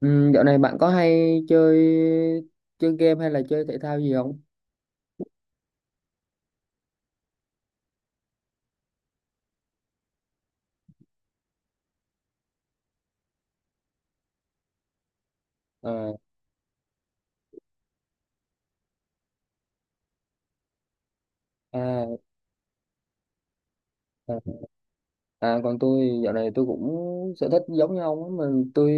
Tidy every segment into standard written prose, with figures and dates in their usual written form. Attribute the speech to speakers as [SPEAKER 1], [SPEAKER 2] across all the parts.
[SPEAKER 1] Ừ, dạo này bạn có hay chơi chơi game hay là chơi thể thao gì không? À, à, à, à còn tôi dạo này tôi cũng sở thích giống như ông á, mà tôi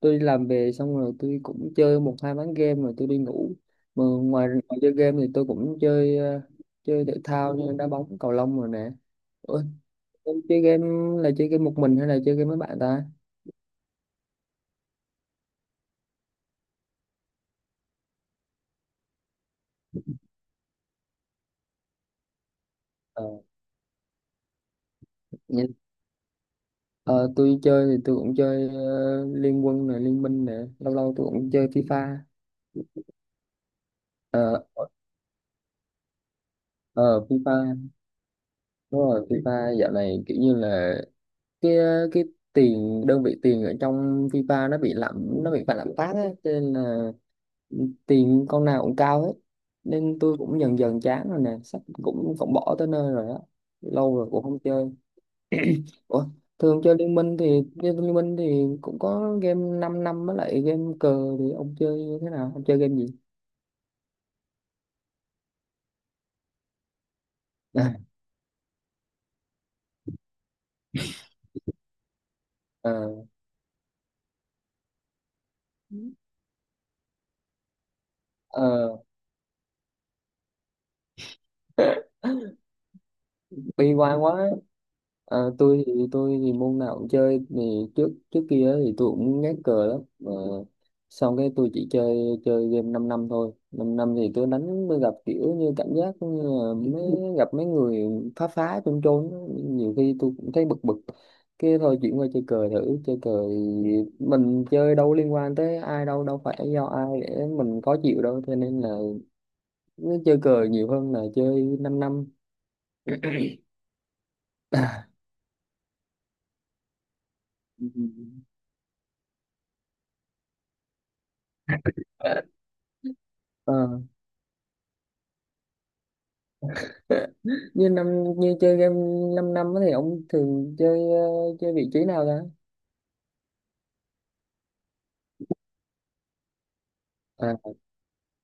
[SPEAKER 1] tôi đi làm về xong rồi tôi cũng chơi một hai ván game rồi tôi đi ngủ. Mà ngoài chơi game thì tôi cũng chơi chơi thể thao như đá bóng, cầu lông rồi nè. Ủa, em chơi game là chơi game một mình hay là chơi game với bạn ta? Ờ, dạ. Ờ, tôi chơi thì tôi cũng chơi Liên Quân này, Liên Minh này, lâu lâu tôi cũng chơi FIFA. Ờ, ờ, FIFA đúng rồi, FIFA dạo này kiểu như là cái cái tiền, đơn vị tiền ở trong FIFA nó bị lạm, nó bị phải lạm phát á, cho nên là tiền con nào cũng cao hết, nên tôi cũng dần dần chán rồi nè, sắp cũng cũng bỏ tới nơi rồi á, lâu rồi cũng không chơi. Ủa, thường chơi Liên Minh thì Liên Liên Minh thì cũng có game 5 năm năm với lại game cờ, thì ông chơi như thế nào, ông chơi game gì? Ờ, ờ, bi quan quá. Ờ, tôi thì môn nào cũng chơi, thì trước trước kia á thì tôi cũng ngán cờ lắm, mà xong cái tôi chỉ chơi chơi game 5 năm năm thôi, 5 năm năm thì tôi đánh, tôi gặp kiểu như cảm giác như là mới gặp mấy người phá phá chôn chôn á. Nhiều khi tôi cũng thấy bực bực, cái thôi chuyển qua chơi cờ thử, chơi cờ thì mình chơi đâu liên quan tới ai đâu, đâu phải do ai để mình khó chịu đâu, cho nên là cứ chơi cờ nhiều hơn là chơi 5 năm năm. Ờ, như năm, như chơi game 5 năm năm á thì ông thường chơi chơi vị trí nào ta? À,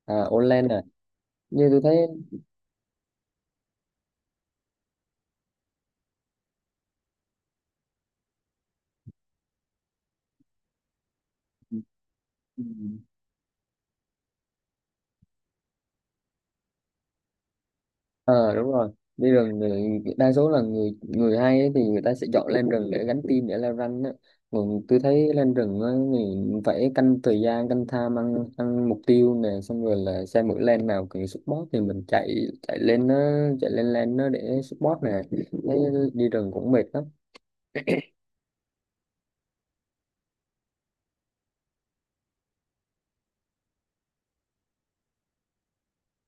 [SPEAKER 1] à online à, như tôi thấy. Ừ. Ờ đúng rồi, đi rừng thì đa số là người người hay ấy thì người ta sẽ chọn lên rừng để gánh team để leo rank á, còn tôi thấy lên rừng á thì phải canh thời gian, canh time ăn ăn mục tiêu nè, xong rồi là xem mỗi lane nào cần support thì mình chạy chạy lên nó, chạy lên lane nó để support nè, thấy đi rừng cũng mệt lắm.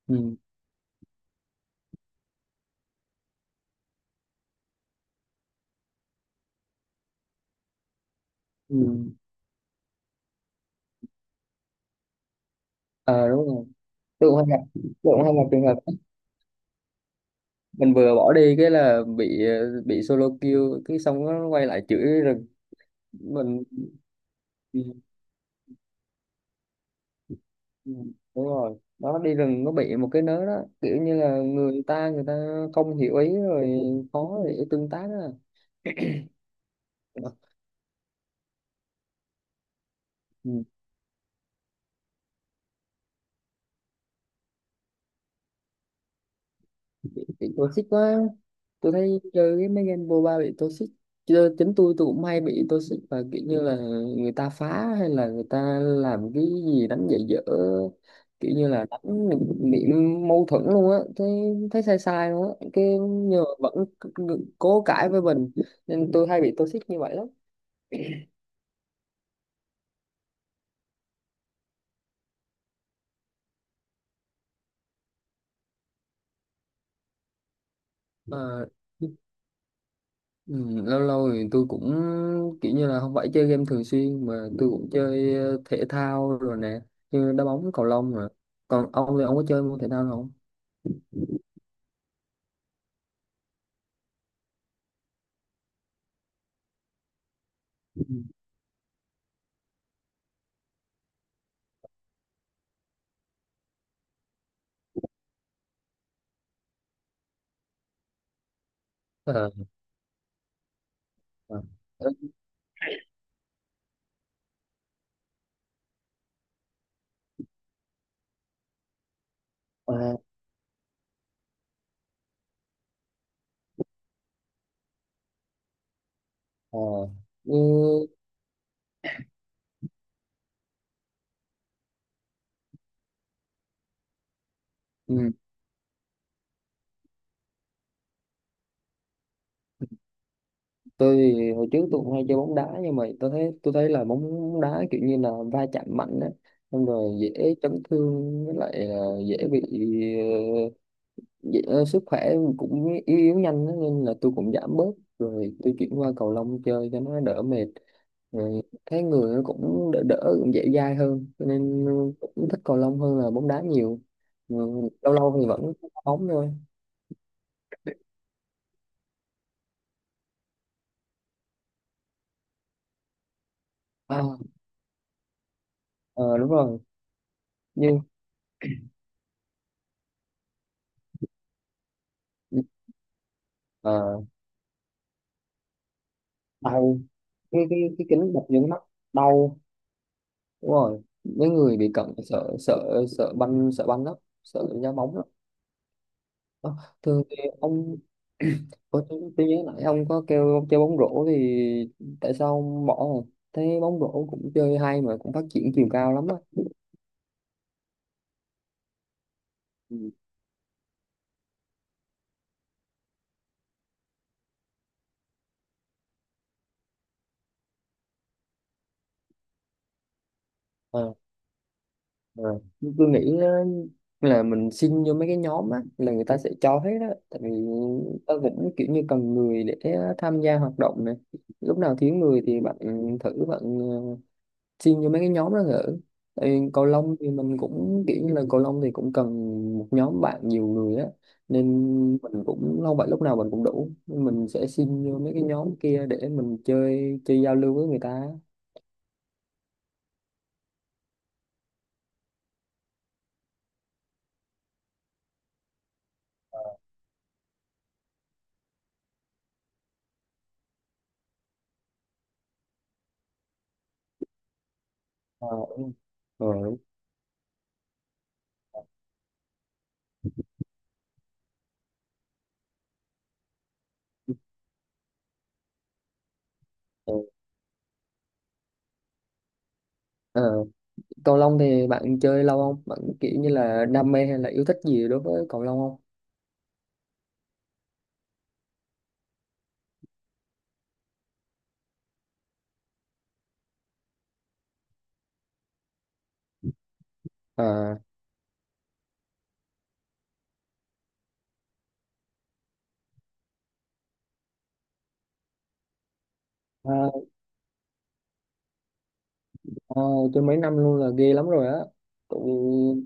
[SPEAKER 1] Ừ. Ừ. Ờ đúng rồi, tôi cũng hay gặp, tôi cũng hay gặp trường hợp đó. Mình vừa bỏ đi cái là bị bị solo kill, cái xong nó quay lại chửi rừng mình. Ừ, ừ, đúng rồi đó, đi rừng nó bị một cái nớ đó, kiểu như là người ta không hiểu ý rồi, khó để tương tác đó. Ờ, ừ. Bị toxic quá. Tôi thấy chơi cái mấy game MOBA bị toxic, chơi chính tôi cũng hay bị toxic, và kiểu như là người ta phá, hay là người ta làm cái gì đánh dạy dở, kiểu như là đánh bị mâu thuẫn luôn á, thấy thấy sai sai luôn á, cái nhưng mà vẫn cố cãi với mình, nên tôi hay bị toxic như vậy lắm. Mà Ừ, lâu lâu thì tôi cũng kiểu như là không phải chơi game thường xuyên, mà tôi cũng chơi thể thao rồi nè, như đá bóng, cầu lông rồi, còn ông thì ông có chơi môn thể thao nào không? Ờ, Ờ, à, à. Như, ừ, tôi thì hồi trước tôi cũng hay chơi bóng đá, nhưng mà tôi thấy, tôi thấy là bóng đá kiểu như là va chạm mạnh á, xong rồi dễ chấn thương, với lại là dễ bị ờ, dạ, sức khỏe cũng yếu yếu nhanh á, nên là tôi cũng giảm bớt, rồi tôi chuyển qua cầu lông chơi cho nó đỡ mệt, rồi thấy người nó cũng đỡ đỡ, cũng dễ dai hơn, cho nên cũng thích cầu lông hơn là bóng đá nhiều. Ừ, lâu lâu thì vẫn đá bóng thôi. À, ờ, đúng rồi, nhưng ờ, đau, cái kính đập vô cái mắt đau. Đúng rồi, mấy người bị cận sợ, sợ banh, sợ banh lắm, sợ ra bóng lắm. Ờ, thường thì ông Ủa, tôi nhớ lại ông có kêu ông chơi bóng rổ, thì tại sao ông bỏ rồi? Thấy bóng rổ cũng chơi hay mà cũng phát triển chiều cao lắm á. Ừ. Ờ, ờ. Nhưng tôi nghĩ á, là mình xin vô mấy cái nhóm á là người ta sẽ cho hết á. Tại vì ta cũng kiểu như cần người để tham gia hoạt động này. Lúc nào thiếu người thì bạn thử, bạn xin cho mấy cái nhóm đó thử, tại vì cầu lông thì mình cũng kiểu như là cầu lông thì cũng cần một nhóm bạn nhiều người á, nên mình cũng không phải lúc nào mình cũng đủ, nên mình sẽ xin vô mấy cái nhóm kia để mình chơi, chơi giao lưu với người ta. Ờ đúng rồi. Ờ, đúng. Ờ. Ờ. Cầu lông thì bạn chơi lâu không? Bạn kiểu như là đam mê hay là yêu thích gì đối với cầu lông không? À. Ờ, tôi mấy năm luôn là ghê lắm rồi á, tại vì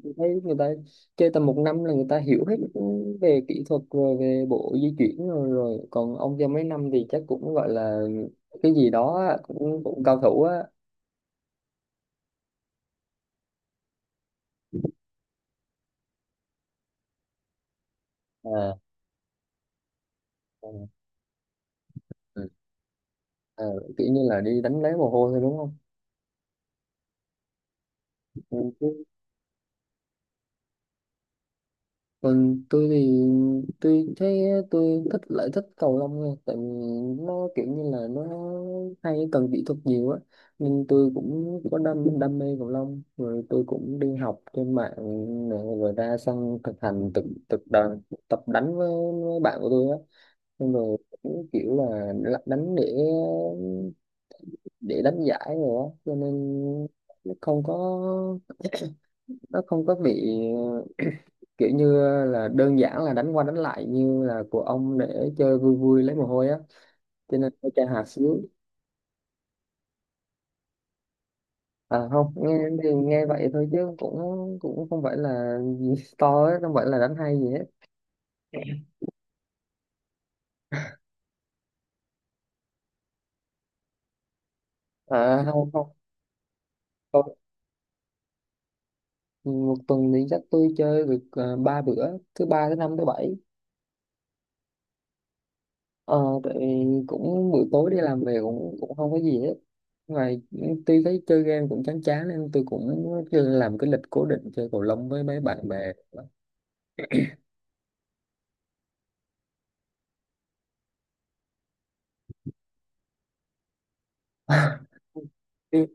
[SPEAKER 1] tôi thấy người ta chơi tầm một năm là người ta hiểu hết về kỹ thuật rồi, về bộ di chuyển rồi, rồi còn ông chơi mấy năm thì chắc cũng gọi là cái gì đó á, cũng cũng cao thủ á. À, ừ. Ừ, Ờ, kiểu như là đi đánh lấy mồ hôi thôi đúng không? Ừ, còn tôi thì tôi thấy tôi thích, lại thích cầu lông hơn, tại vì nó kiểu như là nó hay cần kỹ thuật nhiều á, nên tôi cũng có đam đam mê cầu lông, rồi tôi cũng đi học trên mạng nè, rồi ra sân thực hành, thực thực đoàn tập đánh với bạn của tôi á, nên rồi cũng kiểu là đánh để đánh giải rồi á, cho nên nó không có, nó không có bị kiểu như là đơn giản là đánh qua đánh lại như là của ông, để chơi vui vui lấy mồ hôi á, cho nên tôi chơi hạt xíu. À không nghe thì nghe vậy thôi, chứ cũng cũng không phải là gì to ấy, không phải là đánh hay gì hết. À không không tôi, một tuần thì chắc tôi chơi được ba bữa, thứ ba, thứ năm, thứ bảy. Ờ tại vì cũng buổi tối đi làm về cũng cũng không có gì hết ngoài, tuy thấy chơi game cũng chán chán, nên tôi cũng làm cái lịch cố định chơi cầu lông với mấy bạn bè.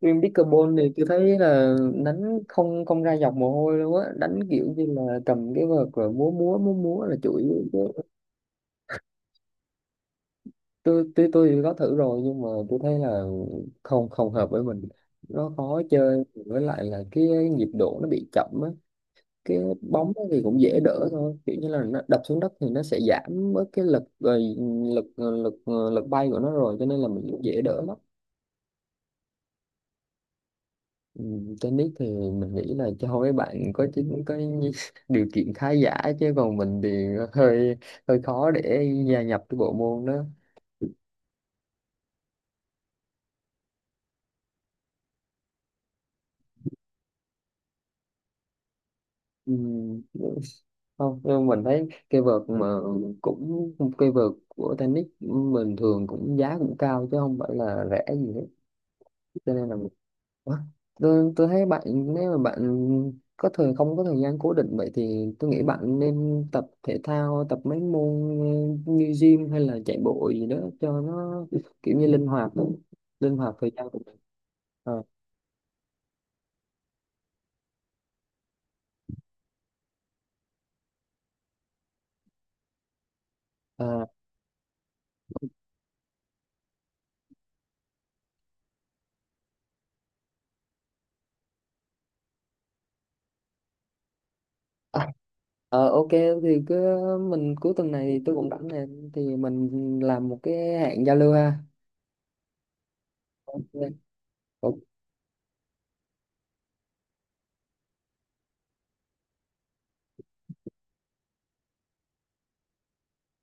[SPEAKER 1] Riêng pickleball thì tôi thấy là đánh không, không ra dọc mồ hôi luôn á, đánh kiểu như là cầm cái vợt rồi múa múa múa múa là chủ yếu chứ. Tôi có thử rồi, nhưng mà tôi thấy là không, không hợp với mình, nó khó chơi, với lại là cái nhịp độ nó bị chậm á, cái bóng á thì cũng dễ đỡ thôi, kiểu như là nó đập xuống đất thì nó sẽ giảm bớt cái lực rồi, lực lực lực bay của nó rồi, cho nên là mình cũng dễ đỡ lắm. Ừ, tennis thì mình nghĩ là cho mấy bạn có chính có điều kiện khá giả, chứ còn mình thì hơi, hơi khó để gia nhập cái bộ môn đó. Ừ, không nhưng mình thấy cây vợt mà, cũng cây vợt của tennis mình thường cũng giá cũng cao, chứ không phải là rẻ gì hết, cho nên là Ủa, tôi thấy bạn, nếu mà bạn có thời không có thời gian cố định vậy, thì tôi nghĩ bạn nên tập thể thao, tập mấy môn như gym hay là chạy bộ gì đó cho nó kiểu như linh hoạt đó. Linh hoạt thời gian của mình. Ờ, ờ, à, ờ, ok thì cứ mình cuối tuần này thì tôi cũng rảnh nè, thì mình làm một cái hẹn giao lưu ha. Ok. Ok.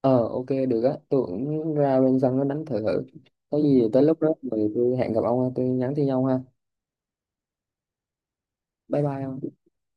[SPEAKER 1] Ờ ok được á, tôi cũng ra bên sân nó đánh thử thử, có gì tới lúc đó thì tôi hẹn gặp ông ha, tôi nhắn tin nhau ha. Bye bye ông.